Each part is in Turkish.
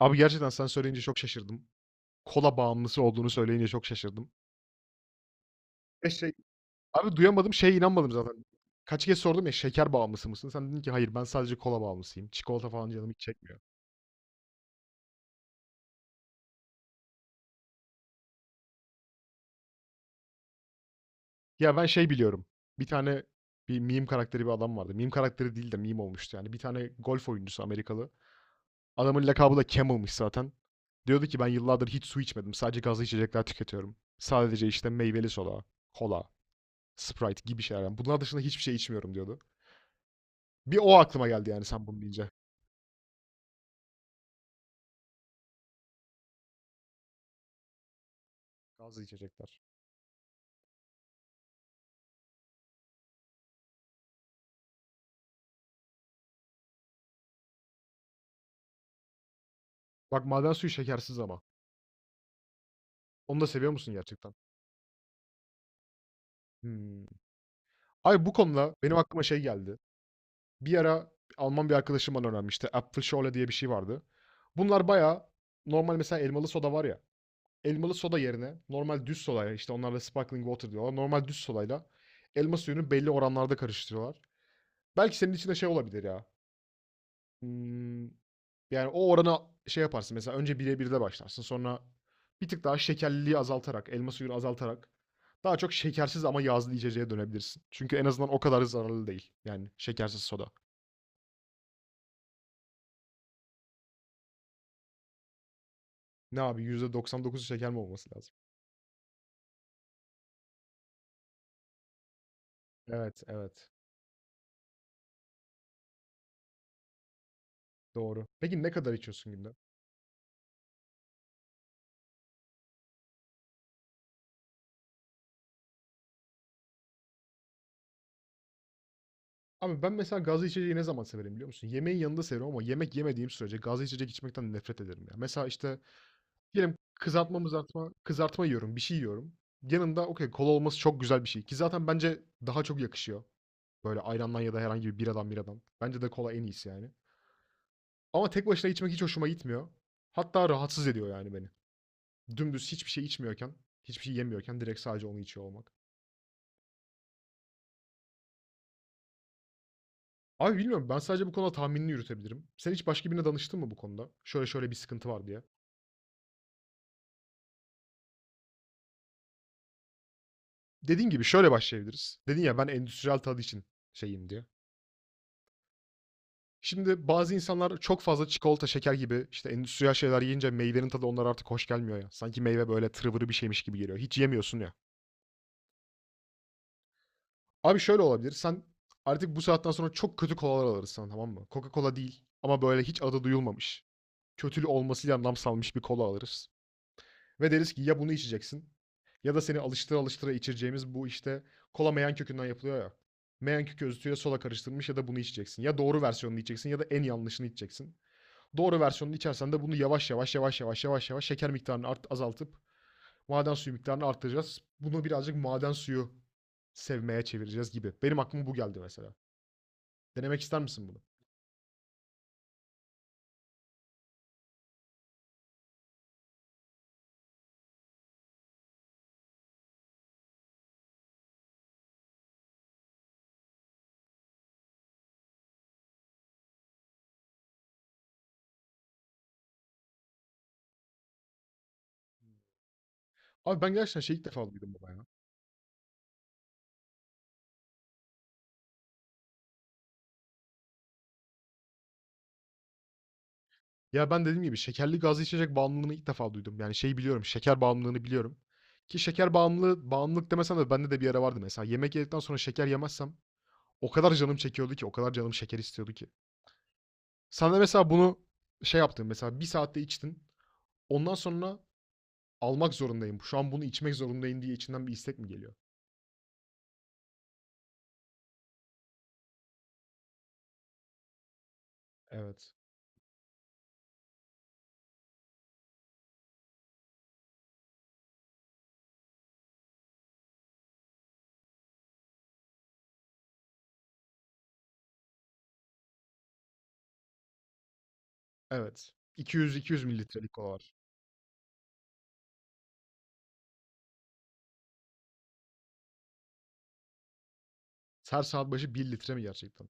Abi gerçekten sen söyleyince çok şaşırdım. Kola bağımlısı olduğunu söyleyince çok şaşırdım. Ve şey Abi duyamadım, şeye inanmadım zaten. Kaç kez sordum ya, "Şeker bağımlısı mısın?" Sen dedin ki, "Hayır, ben sadece kola bağımlısıyım. Çikolata falan canım hiç çekmiyor." Ya ben şey biliyorum, bir tane bir meme karakteri bir adam vardı. Meme karakteri değil de meme olmuştu yani. Bir tane golf oyuncusu Amerikalı. Adamın lakabı da Camel'mış zaten. Diyordu ki, "Ben yıllardır hiç su içmedim. Sadece gazlı içecekler tüketiyorum. Sadece işte meyveli soda, kola, Sprite gibi şeyler. Yani bunlar dışında hiçbir şey içmiyorum," diyordu. Bir o aklıma geldi yani sen bunu deyince. Gazlı içecekler. Bak maden suyu şekersiz ama. Onu da seviyor musun gerçekten? Hmm. Ay bu konuda benim aklıma şey geldi. Bir ara Alman bir arkadaşım bana öğrenmişti. Apfelschorle diye bir şey vardı. Bunlar bayağı normal, mesela elmalı soda var ya. Elmalı soda yerine normal düz sodayla, işte onlarla sparkling water diyorlar. Normal düz sodayla elma suyunu belli oranlarda karıştırıyorlar. Belki senin için de şey olabilir ya. Hımm, yani, o orana şey yaparsın mesela, önce 1'e 1'de başlarsın. Sonra bir tık daha şekerliliği azaltarak, elma suyunu azaltarak daha çok şekersiz ama yağlı içeceğe dönebilirsin. Çünkü en azından o kadar zararlı değil. Yani şekersiz soda. Ne abi, %99'u şeker mi olması lazım? Evet, evet. Doğru. Peki ne kadar içiyorsun günde? Abi ben mesela gazlı içeceği ne zaman severim biliyor musun? Yemeğin yanında severim ama yemek yemediğim sürece gazlı içecek içmekten nefret ederim ya. Mesela, işte, diyelim kızartma mızartma, kızartma yiyorum, bir şey yiyorum. Yanında okay, kola olması çok güzel bir şey ki zaten bence daha çok yakışıyor. Böyle ayrandan ya da herhangi bir biradan. Bence de kola en iyisi yani. Ama tek başına içmek hiç hoşuma gitmiyor. Hatta rahatsız ediyor yani beni. Dümdüz hiçbir şey içmiyorken, hiçbir şey yemiyorken direkt sadece onu içiyor olmak. Abi bilmiyorum, ben sadece bu konuda tahminini yürütebilirim. Sen hiç başka birine danıştın mı bu konuda? Şöyle şöyle bir sıkıntı var diye. Dediğin gibi şöyle başlayabiliriz. Dedin ya ben endüstriyel tadı için şeyim diye. Şimdi bazı insanlar çok fazla çikolata, şeker gibi işte endüstriyel şeyler yiyince meyvenin tadı onlara artık hoş gelmiyor ya. Sanki meyve böyle tırvırı bir şeymiş gibi geliyor. Hiç yemiyorsun ya. Abi şöyle olabilir. Sen artık bu saatten sonra çok kötü kolalar alırsın, tamam mı? Coca-Cola değil ama böyle hiç adı duyulmamış. Kötülü olmasıyla nam salmış bir kola alırız. Ve deriz ki ya bunu içeceksin ya da seni alıştıra alıştıra içireceğimiz bu işte kola meyan kökünden yapılıyor ya. Meyan kökü özütüyle sola karıştırılmış, ya da bunu içeceksin. Ya doğru versiyonunu içeceksin ya da en yanlışını içeceksin. Doğru versiyonunu içersen de bunu yavaş yavaş yavaş yavaş yavaş yavaş şeker miktarını azaltıp maden suyu miktarını arttıracağız. Bunu birazcık maden suyu sevmeye çevireceğiz gibi. Benim aklıma bu geldi mesela. Denemek ister misin bunu? Abi ben gerçekten şey ilk defa duydum baba ya. Ya ben dediğim gibi şekerli gazlı içecek bağımlılığını ilk defa duydum. Yani şey biliyorum, şeker bağımlılığını biliyorum. Ki bağımlılık demesem de bende de bir ara vardı mesela. Yemek yedikten sonra şeker yemezsem o kadar canım çekiyordu ki, o kadar canım şeker istiyordu ki. Sen de mesela bunu şey yaptın mesela, bir saatte içtin. Ondan sonra almak zorundayım, şu an bunu içmek zorundayım diye içinden bir istek mi geliyor? Evet. Evet. 200-200 mililitrelik kolalar. Her saat başı bir litre mi gerçekten?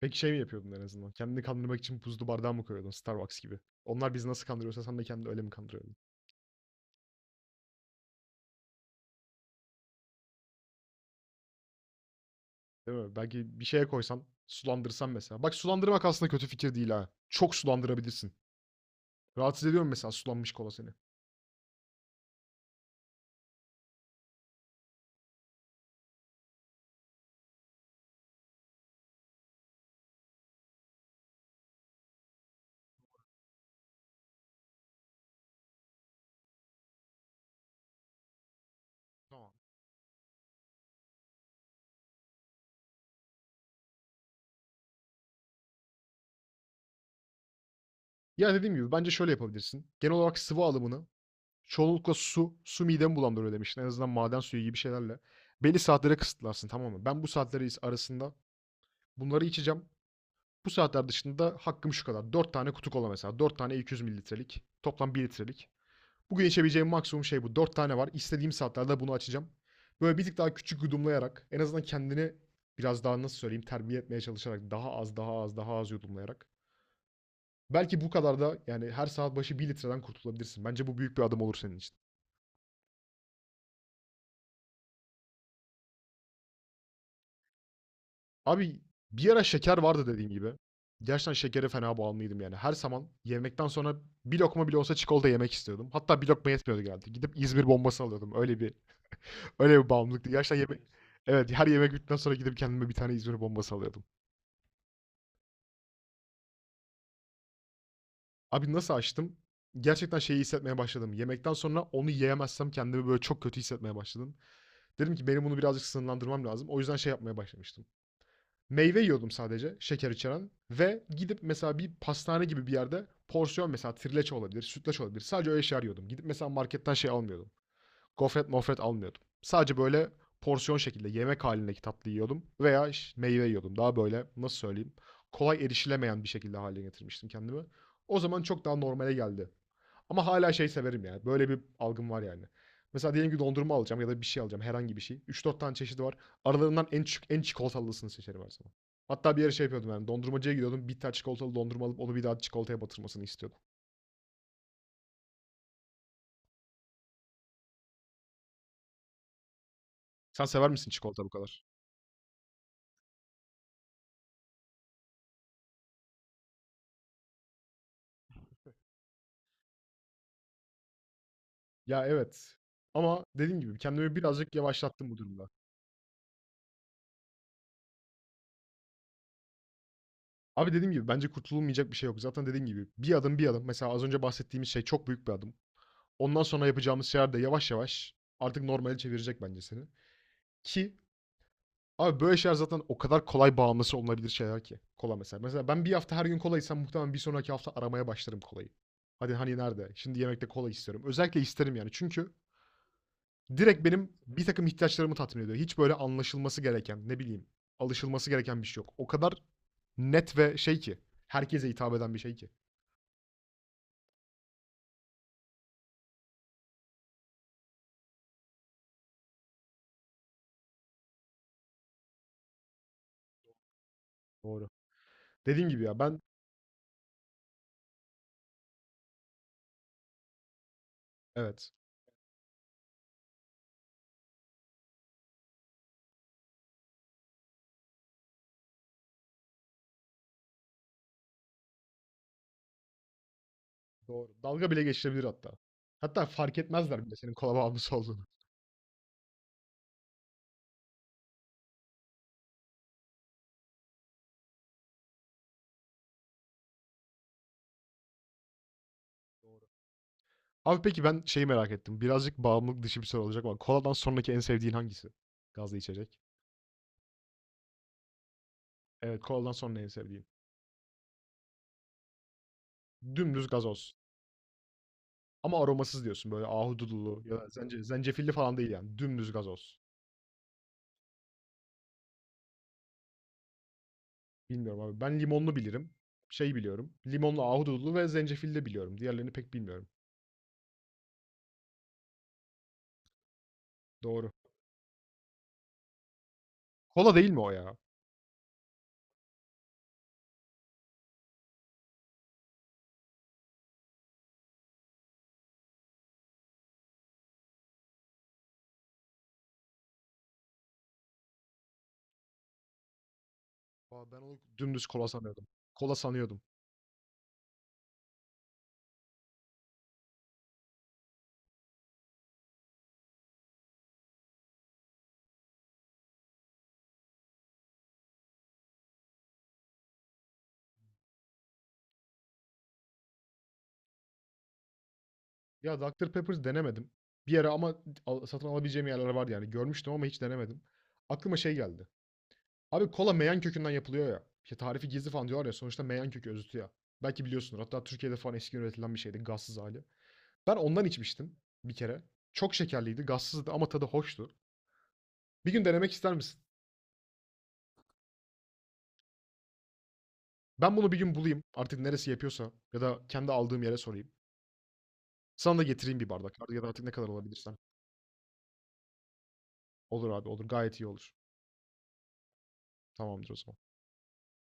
Peki şey mi yapıyordun en azından? Kendini kandırmak için buzlu bardağa mı koyuyordun, Starbucks gibi? Onlar bizi nasıl kandırıyorsa sen de kendini öyle mi kandırıyordun? Değil mi? Belki bir şeye koysan, sulandırsan mesela. Bak sulandırmak aslında kötü fikir değil ha. Çok sulandırabilirsin. Rahatsız ediyor mu mesela sulanmış kola seni? Tamam. Ya dediğim gibi bence şöyle yapabilirsin. Genel olarak sıvı alımını, çoğunlukla su midemi bulandırıyor demiştin. En azından maden suyu gibi şeylerle. Belli saatlere kısıtlarsın, tamam mı? Ben bu saatleri arasında bunları içeceğim. Bu saatler dışında hakkım şu kadar. Dört tane kutu kola mesela. Dört tane 200 mililitrelik. Toplam bir litrelik. Bugün içebileceğim maksimum şey bu. 4 tane var. İstediğim saatlerde bunu açacağım. Böyle bir tık daha küçük yudumlayarak, en azından kendini biraz daha nasıl söyleyeyim, terbiye etmeye çalışarak daha az daha az daha az yudumlayarak. Belki bu kadar da yani her saat başı bir litreden kurtulabilirsin. Bence bu büyük bir adım olur senin için. Abi bir ara şeker vardı dediğim gibi. Gerçekten şekere fena bağımlıydım yani. Her zaman yemekten sonra bir lokma bile olsa çikolata yemek istiyordum. Hatta bir lokma yetmiyordu genelde. Gidip İzmir bombası alıyordum. Öyle bir bağımlılıktı. Gerçekten yemek evet, her yemek bittikten sonra gidip kendime bir tane İzmir bombası alıyordum. Abi nasıl açtım? Gerçekten şeyi hissetmeye başladım. Yemekten sonra onu yiyemezsem kendimi böyle çok kötü hissetmeye başladım. Dedim ki benim bunu birazcık sınırlandırmam lazım. O yüzden şey yapmaya başlamıştım. Meyve yiyordum sadece, şeker içeren ve gidip mesela bir pastane gibi bir yerde porsiyon, mesela trileçe olabilir, sütlaç olabilir. Sadece öyle şeyler yiyordum. Gidip mesela marketten şey almıyordum. Gofret mofret almıyordum. Sadece böyle porsiyon şekilde yemek halindeki tatlı yiyordum veya meyve yiyordum. Daha böyle nasıl söyleyeyim, kolay erişilemeyen bir şekilde haline getirmiştim kendimi. O zaman çok daha normale geldi. Ama hala şey severim yani. Böyle bir algım var yani. Mesela diyelim ki dondurma alacağım ya da bir şey alacağım. Herhangi bir şey. 3-4 tane çeşidi var. Aralarından en küçük, en çikolatalısını seçerim her zaman. Hatta bir yere şey yapıyordum yani. Dondurmacıya gidiyordum. Bir tane çikolatalı dondurma alıp onu bir daha çikolataya batırmasını istiyordum. Sen sever misin çikolata bu kadar? Ya, evet, ama dediğim gibi kendimi birazcık yavaşlattım bu durumda. Abi, dediğim gibi bence kurtululmayacak bir şey yok. Zaten dediğim gibi bir adım bir adım. Mesela az önce bahsettiğimiz şey çok büyük bir adım. Ondan sonra yapacağımız şeyler de yavaş yavaş artık normale çevirecek bence seni. Ki abi böyle şeyler zaten o kadar kolay bağımlısı olunabilir şeyler ki. Kola mesela. Mesela ben bir hafta her gün kola içsem muhtemelen bir sonraki hafta aramaya başlarım kolayı. Hadi hani nerede? Şimdi yemekte kola istiyorum. Özellikle isterim yani çünkü direkt benim bir takım ihtiyaçlarımı tatmin ediyor. Hiç böyle anlaşılması gereken, ne bileyim, alışılması gereken bir şey yok. O kadar net ve şey ki, herkese hitap eden bir şey ki. Doğru. Dediğim gibi ya ben, evet, doğru. Dalga bile geçilebilir hatta. Hatta fark etmezler bile senin kola bağımlısı olduğunu. Doğru. Abi peki ben şeyi merak ettim. Birazcık bağımlılık dışı bir soru olacak ama koladan sonraki en sevdiğin hangisi? Gazlı içecek. Evet, koladan sonra en sevdiğin. Dümdüz gazoz. Ama aromasız diyorsun, böyle ahududulu ya da zencefilli falan değil yani. Dümdüz gazoz. Bilmiyorum abi. Ben limonlu bilirim. Şey biliyorum. Limonlu, ahududulu ve zencefilli de biliyorum. Diğerlerini pek bilmiyorum. Doğru. Kola değil mi o ya? Aa, ben onu dümdüz kola sanıyordum. Kola sanıyordum. Ya Dr. Pepper denemedim. Bir ara ama satın alabileceğim yerler vardı yani. Görmüştüm ama hiç denemedim. Aklıma şey geldi. Abi kola meyan kökünden yapılıyor ya. İşte tarifi gizli falan diyorlar ya. Sonuçta meyan kökü özütü ya. Belki biliyorsunuz. Hatta Türkiye'de falan eski üretilen bir şeydi. Gazsız hali. Ben ondan içmiştim bir kere. Çok şekerliydi, gazsızdı ama tadı hoştu. Bir gün denemek ister misin? Ben bunu bir gün bulayım. Artık neresi yapıyorsa ya da kendi aldığım yere sorayım. Sana da getireyim bir bardak ya da artık ne kadar olabilirsen. Olur abi olur. Gayet iyi olur. Tamamdır o zaman.